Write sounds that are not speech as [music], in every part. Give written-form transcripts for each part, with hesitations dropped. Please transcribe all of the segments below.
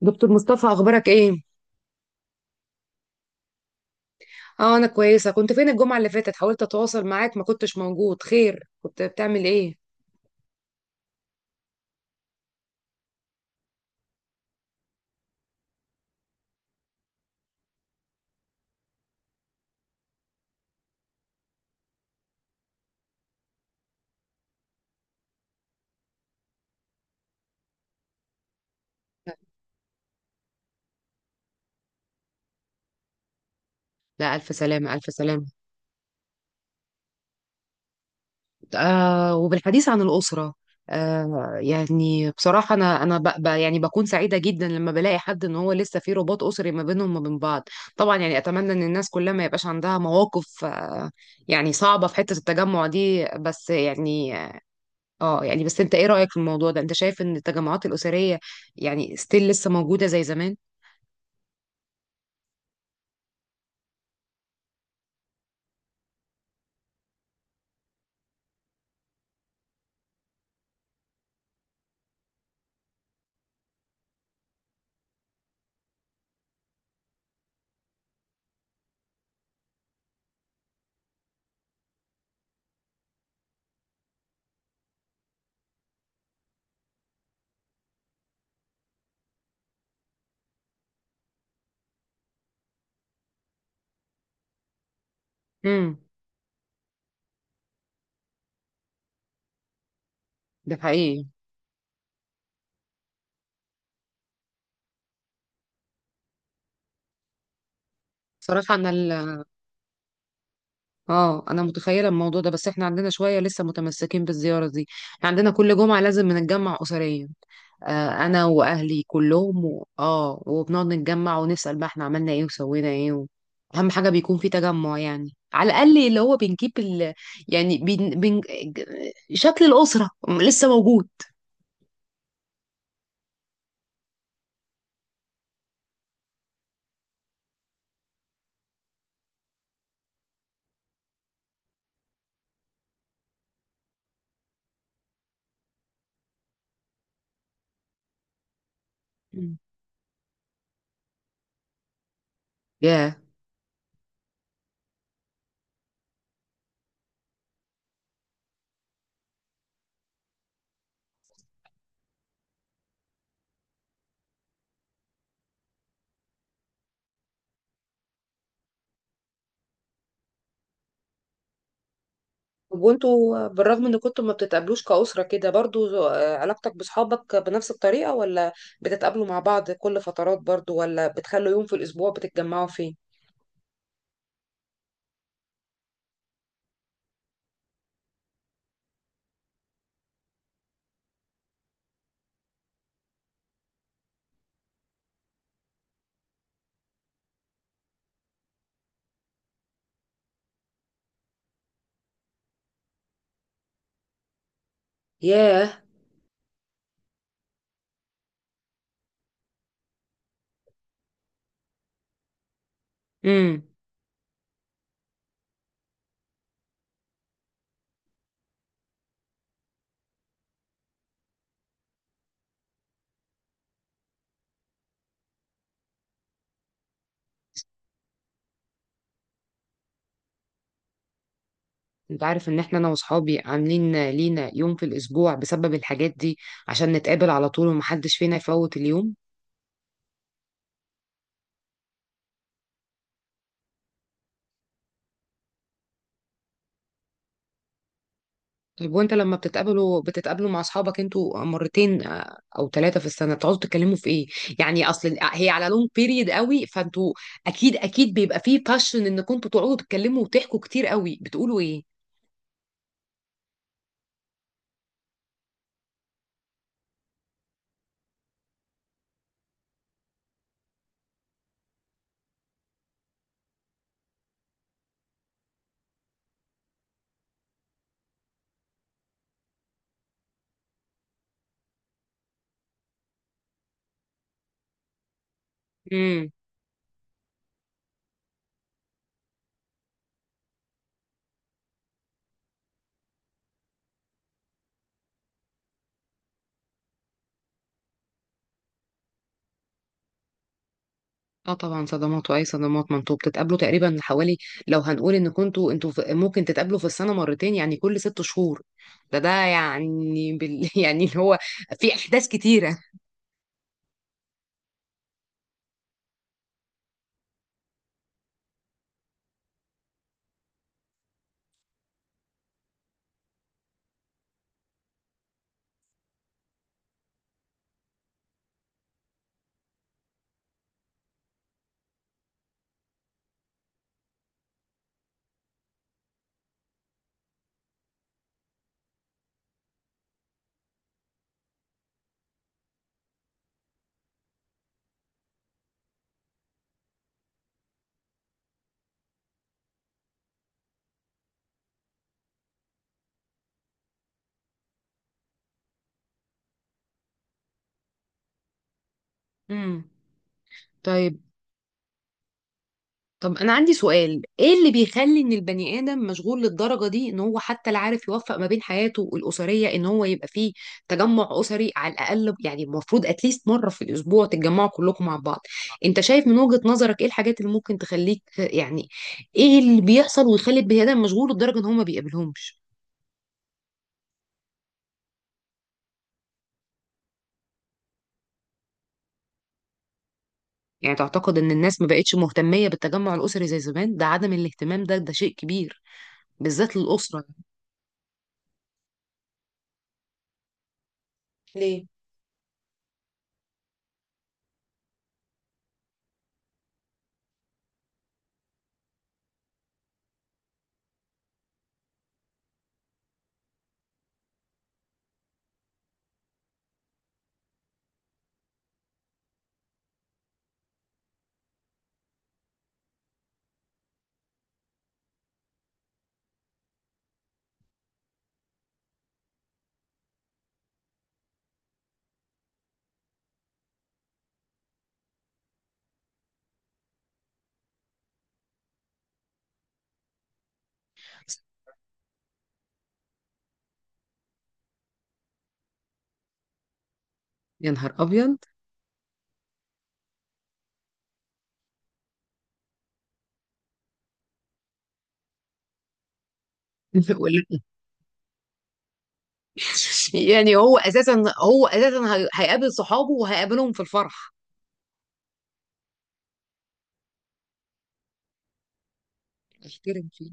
دكتور مصطفى، اخبارك ايه؟ اه، انا كويسه. كنت فين الجمعه اللي فاتت؟ حاولت اتواصل معاك ما كنتش موجود. خير، كنت بتعمل ايه؟ لا الف سلامه، الف سلامه. آه، وبالحديث عن الاسره، آه يعني بصراحه انا ب ب يعني بكون سعيده جدا لما بلاقي حد ان هو لسه في رباط اسري ما بينهم وما بين بعض. طبعا يعني اتمنى ان الناس كلها ما يبقاش عندها مواقف، صعبه في حته التجمع دي، بس يعني، بس انت ايه رأيك في الموضوع ده؟ انت شايف ان التجمعات الأسرية يعني ستيل لسه موجودة زي زمان؟ امم. ده حقيقي. صراحة اه، انا متخيلة الموضوع ده، بس احنا عندنا شوية لسه متمسكين بالزيارة دي. احنا عندنا كل جمعة لازم بنتجمع أسريا. آه، انا واهلي كلهم اه، وبنقعد نتجمع ونسأل بقى احنا عملنا ايه وسوينا ايه و... اهم حاجة بيكون في تجمع، يعني على الأقل اللي هو بنجيب ال... يعني بن... بن... شكل الأسرة لسه موجود. ياه. طب وانتوا بالرغم ان كنتوا ما بتتقابلوش كأسرة كده برضو، آه، علاقتك بصحابك بنفس الطريقة، ولا بتتقابلوا مع بعض كل فترات برضو، ولا بتخلوا يوم في الأسبوع بتتجمعوا فيه؟ ياه. امم. انت عارف ان احنا انا واصحابي عاملين لينا يوم في الاسبوع بسبب الحاجات دي، عشان نتقابل على طول ومحدش فينا يفوت اليوم. طيب، وانت لما بتتقابلوا، بتتقابلوا مع اصحابك انتوا مرتين، آه، او ثلاثه في السنه، بتقعدوا تتكلموا في ايه؟ يعني اصل هي على لونج بيريد قوي، فانتوا اكيد اكيد بيبقى فيه باشن انكم انتوا تقعدوا تتكلموا وتحكوا كتير قوي. بتقولوا ايه؟ امم. اه طبعا صدمات، واي صدمات! ما انتوا بتتقابلوا تقريبا حوالي، لو هنقول ان كنتوا انتوا ممكن تتقابلوا في السنه مرتين، يعني كل ست شهور. ده ده يعني [laughs] يعني اللي هو في احداث كتيره. امم. طيب. طب انا عندي سؤال: ايه اللي بيخلي ان البني ادم مشغول للدرجه دي ان هو حتى لا عارف يوفق ما بين حياته الاسريه، ان هو يبقى فيه تجمع اسري؟ على الاقل يعني المفروض اتليست مره في الاسبوع تتجمعوا كلكم مع بعض. انت شايف من وجهه نظرك ايه الحاجات اللي ممكن تخليك، يعني ايه اللي بيحصل ويخلي البني ادم مشغول لدرجه ان هو ما بيقابلهمش؟ يعني تعتقد ان الناس ما بقتش مهتميه بالتجمع الاسري زي زمان؟ ده عدم الاهتمام ده شيء كبير، بالذات للاسره. ليه؟ يا نهار ابيض! [laughs] [laughs] يعني هو اساسا، هو اساسا هيقابل صحابه، وهيقابلهم في الفرح؟ احترم فيه.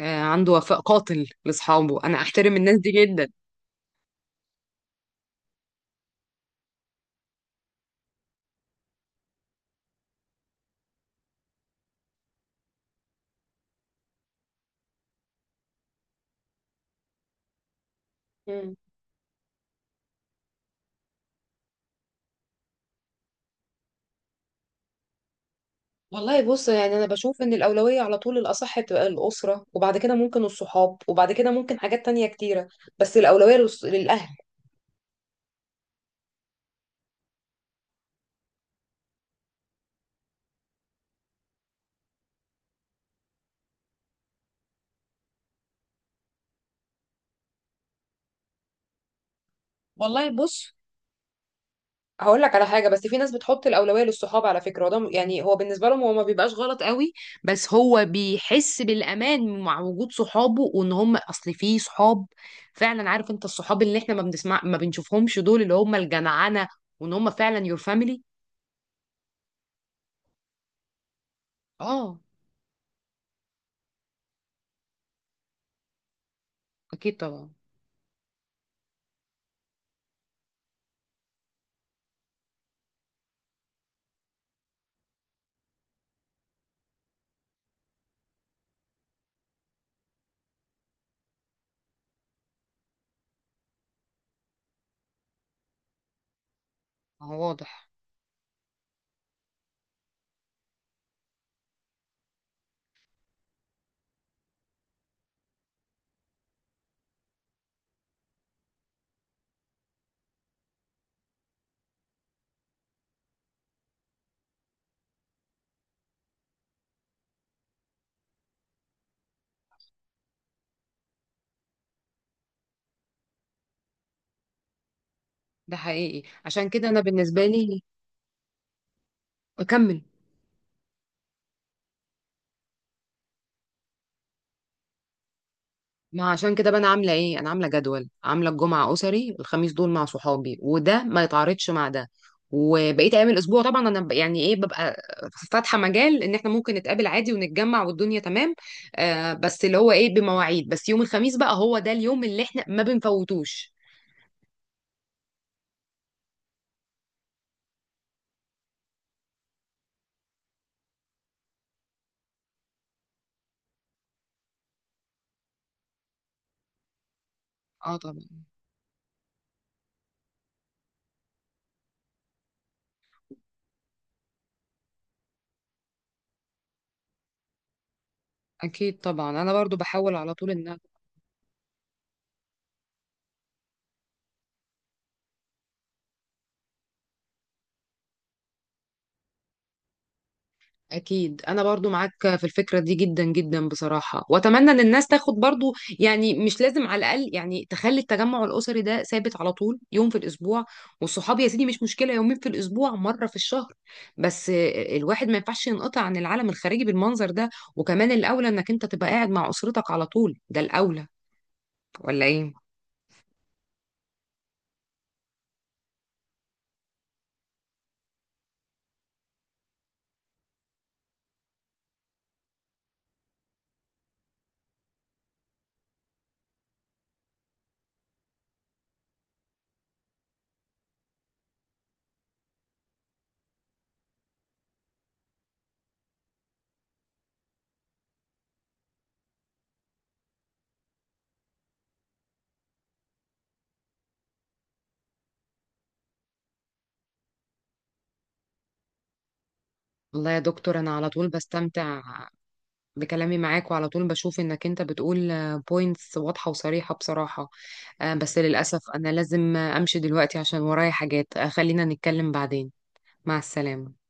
آه، عنده وفاء قاتل لاصحابه، انا احترم الناس دي جدا. مم. والله بص، يعني انا بشوف ان الاولويه على طول الاصح بتبقى الاسره، وبعد كده ممكن الصحاب، وبعد كده ممكن حاجات تانية كتيره. بس الاولويه للاهل. والله بص، هقول لك على حاجه، بس في ناس بتحط الاولويه للصحاب على فكره، وده يعني هو بالنسبه لهم هو ما بيبقاش غلط قوي. بس هو بيحس بالامان مع وجود صحابه، وان هم اصل في صحاب فعلا. عارف انت الصحاب اللي احنا ما بنسمع ما بنشوفهمش دول اللي هم الجدعنه، وان هم فعلا يور فاميلي. اه، اكيد طبعا. هو واضح. ده حقيقي، عشان كده انا بالنسبه لي. اكمل. ما عشان كده بقى انا عامله ايه؟ انا عامله جدول، عامله الجمعه اسري، الخميس دول مع صحابي، وده ما يتعارضش مع ده. وبقيت ايام الاسبوع طبعا انا يعني ايه، ببقى فاتحه مجال ان احنا ممكن نتقابل عادي ونتجمع والدنيا تمام. آه، بس اللي هو ايه، بمواعيد، بس يوم الخميس بقى هو ده اليوم اللي احنا ما بنفوتوش. اه طبعا. اكيد طبعا انا برضو بحاول على طول ان. أكيد أنا برضو معاك في الفكرة دي جدا جدا بصراحة، وأتمنى إن الناس تاخد برضو، يعني مش لازم، على الأقل يعني تخلي التجمع الأسري ده ثابت على طول يوم في الأسبوع. والصحاب يا سيدي مش مشكلة، يومين في الأسبوع، مرة في الشهر. بس الواحد ما ينفعش ينقطع عن العالم الخارجي بالمنظر ده. وكمان الأولى إنك أنت تبقى قاعد مع أسرتك على طول، ده الأولى، ولا إيه؟ والله يا دكتور، أنا على طول بستمتع بكلامي معاك، وعلى طول بشوف انك انت بتقول بوينتس واضحة وصريحة بصراحة. آه، بس للأسف انا لازم، آه، امشي دلوقتي عشان ورايا حاجات، آه، خلينا نتكلم بعدين. مع السلامة.